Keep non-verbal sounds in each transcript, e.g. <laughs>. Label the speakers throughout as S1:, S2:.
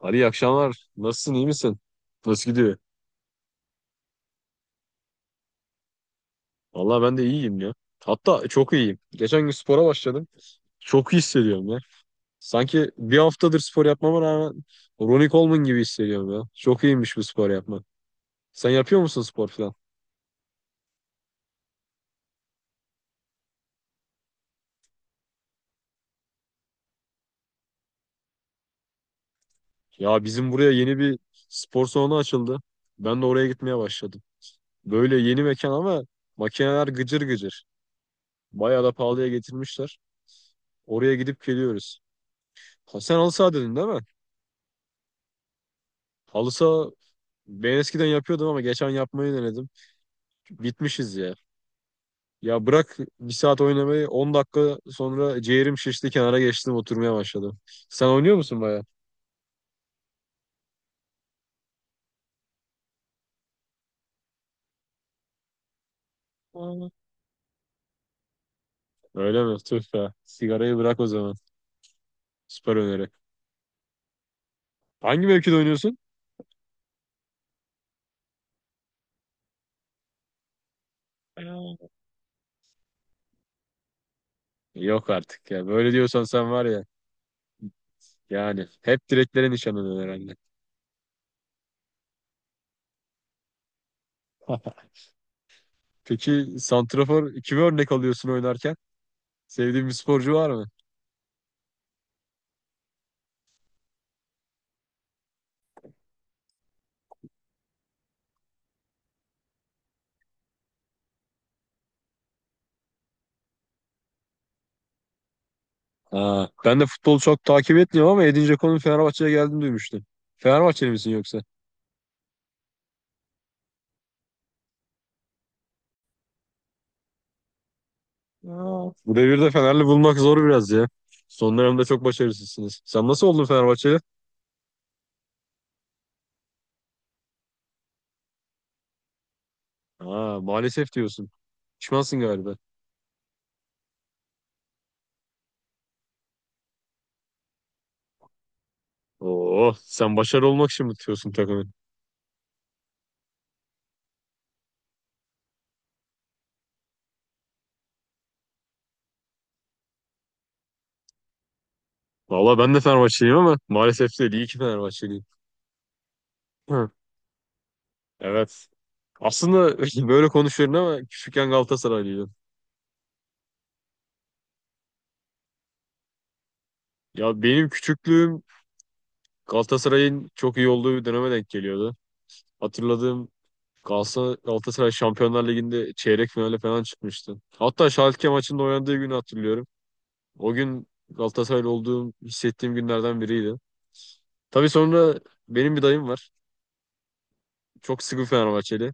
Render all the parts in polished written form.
S1: Ali iyi akşamlar. Nasılsın, iyi misin? Nasıl gidiyor? Vallahi ben de iyiyim ya. Hatta çok iyiyim. Geçen gün spora başladım. Çok iyi hissediyorum ya. Sanki bir haftadır spor yapmama rağmen Ronnie Coleman gibi hissediyorum ya. Çok iyiymiş bu spor yapmak. Sen yapıyor musun spor falan? Ya bizim buraya yeni bir spor salonu açıldı. Ben de oraya gitmeye başladım. Böyle yeni mekan ama makineler gıcır gıcır. Bayağı da pahalıya getirmişler. Oraya gidip geliyoruz. Ha, sen halı saha dedin değil mi? Halı saha ben eskiden yapıyordum ama geçen yapmayı denedim. Bitmişiz ya. Ya bırak bir saat oynamayı, 10 dakika sonra ciğerim şişti, kenara geçtim oturmaya başladım. Sen oynuyor musun baya? Aynen. Öyle mi? Tüh be. Sigarayı bırak o zaman. Süper öneri. Hangi mevkide oynuyorsun? Aynen. Yok artık ya. Böyle diyorsan sen var ya. Yani hep direklere nişanlanıyorsun herhalde. <laughs> Peki, santrafor kimi örnek alıyorsun oynarken? Sevdiğin bir sporcu var mı? Ha, ben de futbolu çok takip etmiyorum ama Edin Dzeko'nun Fenerbahçe'ye geldiğini duymuştum. Fenerbahçeli misin yoksa? Aa, bu devirde Fenerli bulmak zor biraz ya. Son dönemde çok başarısızsınız. Sen nasıl oldun Fenerbahçeli? Ha, maalesef diyorsun. Pişmansın galiba. Oo, sen başarılı olmak için mi tutuyorsun takımı? Valla ben de Fenerbahçeliyim ama maalesef değil, İyi ki Fenerbahçeliyim. Hı. Evet. Aslında <laughs> böyle konuşuyorum ama küçükken Galatasaraylıydım. Ya benim küçüklüğüm Galatasaray'ın çok iyi olduğu bir döneme denk geliyordu. Hatırladığım, Galatasaray, Galatasaray Şampiyonlar Ligi'nde çeyrek finale falan çıkmıştı. Hatta Schalke maçında oynadığı günü hatırlıyorum. O gün Galatasaraylı olduğum, hissettiğim günlerden biriydi. Tabii sonra, benim bir dayım var. Çok sıkı Fenerbahçeli.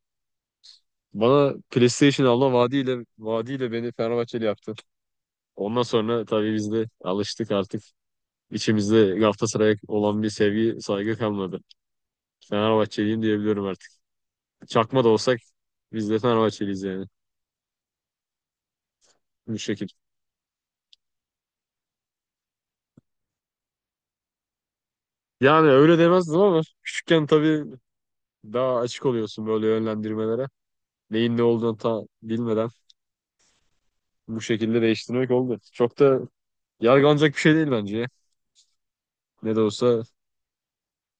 S1: Bana PlayStation alma vaadiyle beni Fenerbahçeli yaptı. Ondan sonra tabii biz de alıştık artık. İçimizde Galatasaray'a olan bir sevgi, saygı kalmadı. Fenerbahçeliyim diyebiliyorum artık. Çakma da olsak biz de Fenerbahçeliyiz yani. Bu şekilde. Yani öyle demezdim ama küçükken tabii daha açık oluyorsun böyle yönlendirmelere. Neyin ne olduğunu ta bilmeden bu şekilde değiştirmek oldu. Çok da yargılanacak bir şey değil bence ya. Ne de olsa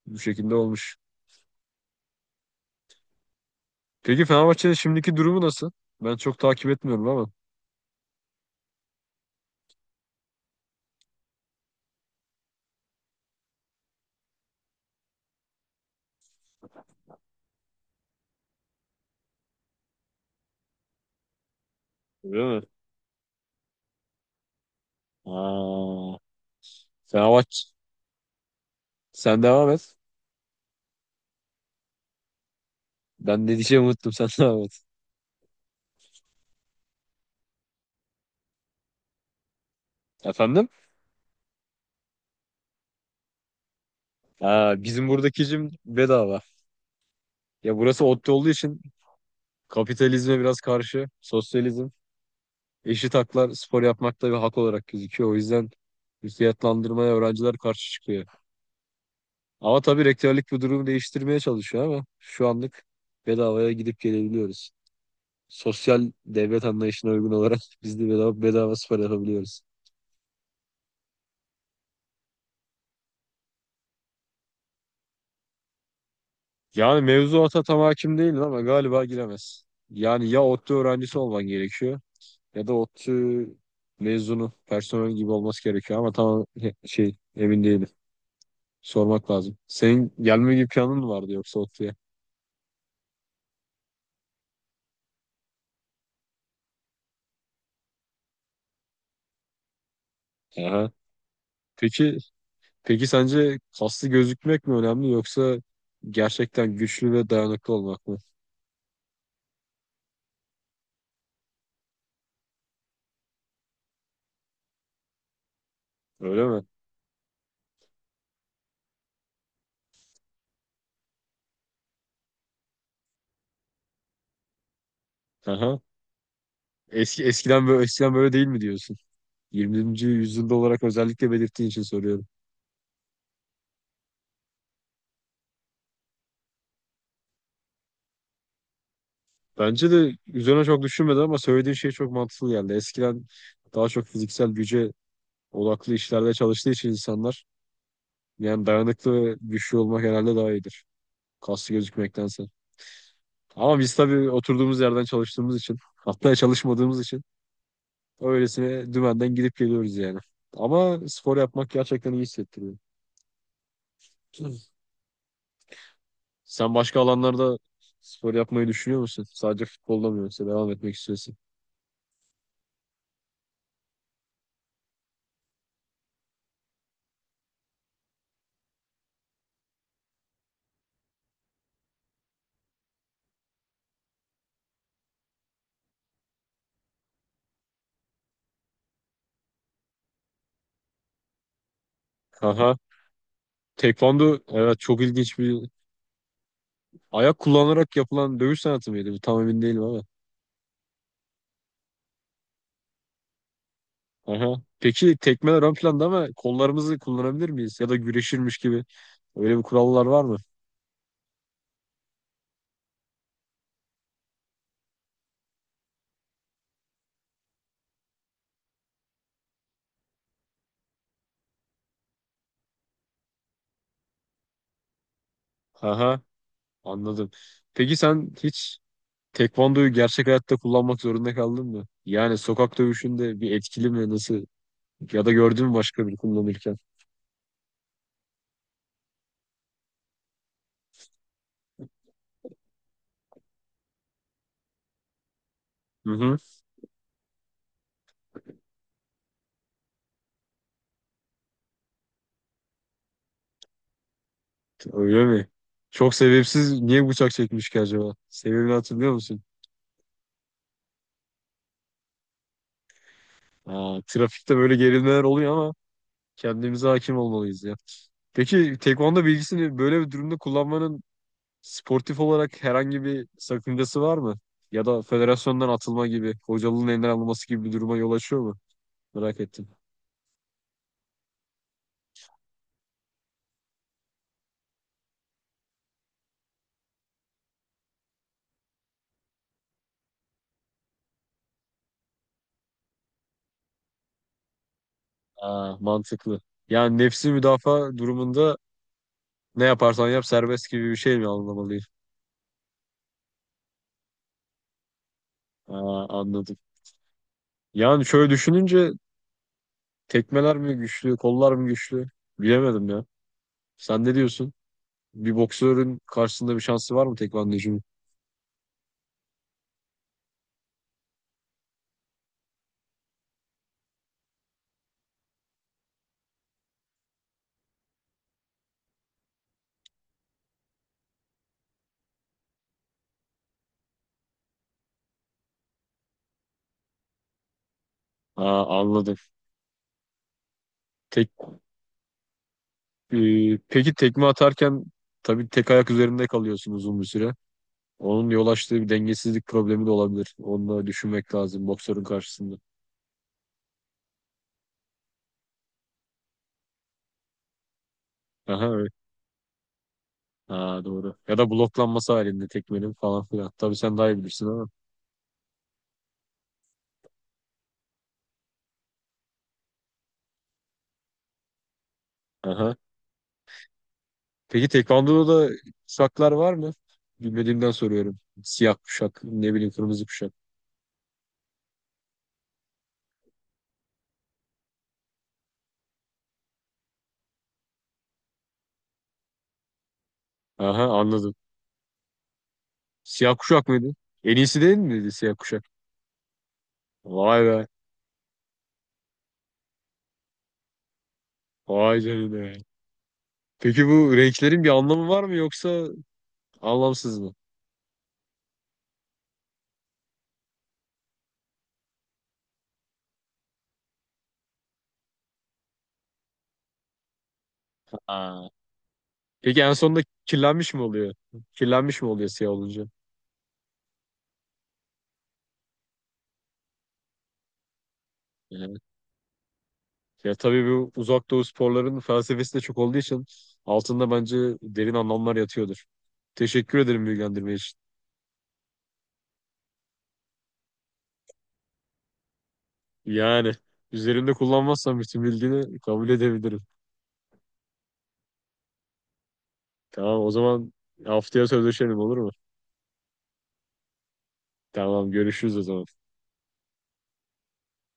S1: bu şekilde olmuş. Peki Fenerbahçe'nin şimdiki durumu nasıl? Ben çok takip etmiyorum ama. Öyle mi? Aa, Fenerbahçe, sen devam et. Ben ne diyeceğimi unuttum, <laughs> sen devam et. Efendim? Aa, bizim buradaki jim bedava. Ya burası ODTÜ olduğu için kapitalizme biraz karşı, sosyalizm. Eşit haklar spor yapmakta bir hak olarak gözüküyor. O yüzden fiyatlandırmaya öğrenciler karşı çıkıyor. Ama tabii rektörlük bu durumu değiştirmeye çalışıyor ama şu anlık bedavaya gidip gelebiliyoruz. Sosyal devlet anlayışına uygun olarak <laughs> biz de bedava, bedava spor yapabiliyoruz. Yani mevzuata tam hakim değilim ama galiba giremez. Yani ya ODTÜ öğrencisi olman gerekiyor ya da ODTÜ mezunu, personel gibi olması gerekiyor ama tam emin değilim. Sormak lazım. Senin gelme gibi planın mı vardı yoksa ODTÜ'ye? Aha. Peki, peki sence kaslı gözükmek mi önemli yoksa gerçekten güçlü ve dayanıklı olmak mı? Öyle mi? Aha. Eskiden böyle değil mi diyorsun? 20. yüzyılda olarak özellikle belirttiğin için soruyorum. Bence de üzerine çok düşünmedim ama söylediğin şey çok mantıklı geldi. Eskiden daha çok fiziksel güce odaklı işlerde çalıştığı için insanlar, yani dayanıklı ve güçlü olmak herhalde daha iyidir, kaslı gözükmektense. Ama biz tabii oturduğumuz yerden çalıştığımız için, hatta çalışmadığımız için öylesine dümenden gidip geliyoruz yani. Ama spor yapmak gerçekten iyi hissettiriyor. <clears throat> Sen başka alanlarda spor yapmayı düşünüyor musun? Sadece futbolda mı, yoksa devam etmek istiyorsun? Aha. Tekvando evet, çok ilginç bir ayak kullanarak yapılan dövüş sanatı mıydı? Bu tam emin değilim ama. Aha. Peki tekmeler ön planda ama kollarımızı kullanabilir miyiz? Ya da güreşirmiş gibi. Öyle bir kurallar var mı? Aha. Anladım. Peki sen hiç tekvandoyu gerçek hayatta kullanmak zorunda kaldın mı? Yani sokak dövüşünde bir etkili mi? Nasıl? Ya da gördün mü başka biri kullanırken? Hı hı. Öyle mi? Çok sebepsiz niye bıçak çekmiş ki acaba? Sebebini hatırlıyor musun? Aa, trafikte böyle gerilmeler oluyor ama kendimize hakim olmalıyız ya. Peki tekvando bilgisini böyle bir durumda kullanmanın sportif olarak herhangi bir sakıncası var mı? Ya da federasyondan atılma gibi, hocalığın elinden alınması gibi bir duruma yol açıyor mu? Merak ettim. Aa, mantıklı. Yani nefsi müdafaa durumunda ne yaparsan yap serbest gibi bir şey mi anlamalıyım? Aa, anladım. Yani şöyle düşününce, tekmeler mi güçlü, kollar mı güçlü? Bilemedim ya. Sen ne diyorsun? Bir boksörün karşısında bir şansı var mı tekvandocunun? Aa, anladım. Tek, e, peki tekme atarken tabii tek ayak üzerinde kalıyorsun uzun bir süre. Onun yol açtığı bir dengesizlik problemi de olabilir. Onu da düşünmek lazım boksörün karşısında. Aha, ha doğru. Ya da bloklanması halinde tekmenin falan filan. Tabii sen daha iyi bilirsin ama. Aha. Peki Tekvando'da da kuşaklar var mı? Bilmediğimden soruyorum. Siyah kuşak, ne bileyim, kırmızı kuşak. Aha, anladım. Siyah kuşak mıydı? En iyisi değil miydi siyah kuşak? Vay be. Vay canına. Peki bu renklerin bir anlamı var mı, yoksa anlamsız mı? Ha. Peki en sonunda kirlenmiş mi oluyor? Kirlenmiş mi oluyor siyah olunca? Ya tabii bu uzak doğu sporlarının felsefesi de çok olduğu için altında bence derin anlamlar yatıyordur. Teşekkür ederim bilgilendirme için. Yani üzerimde kullanmazsan bütün bilgini kabul edebilirim. Tamam o zaman, haftaya sözleşelim olur mu? Tamam, görüşürüz o zaman.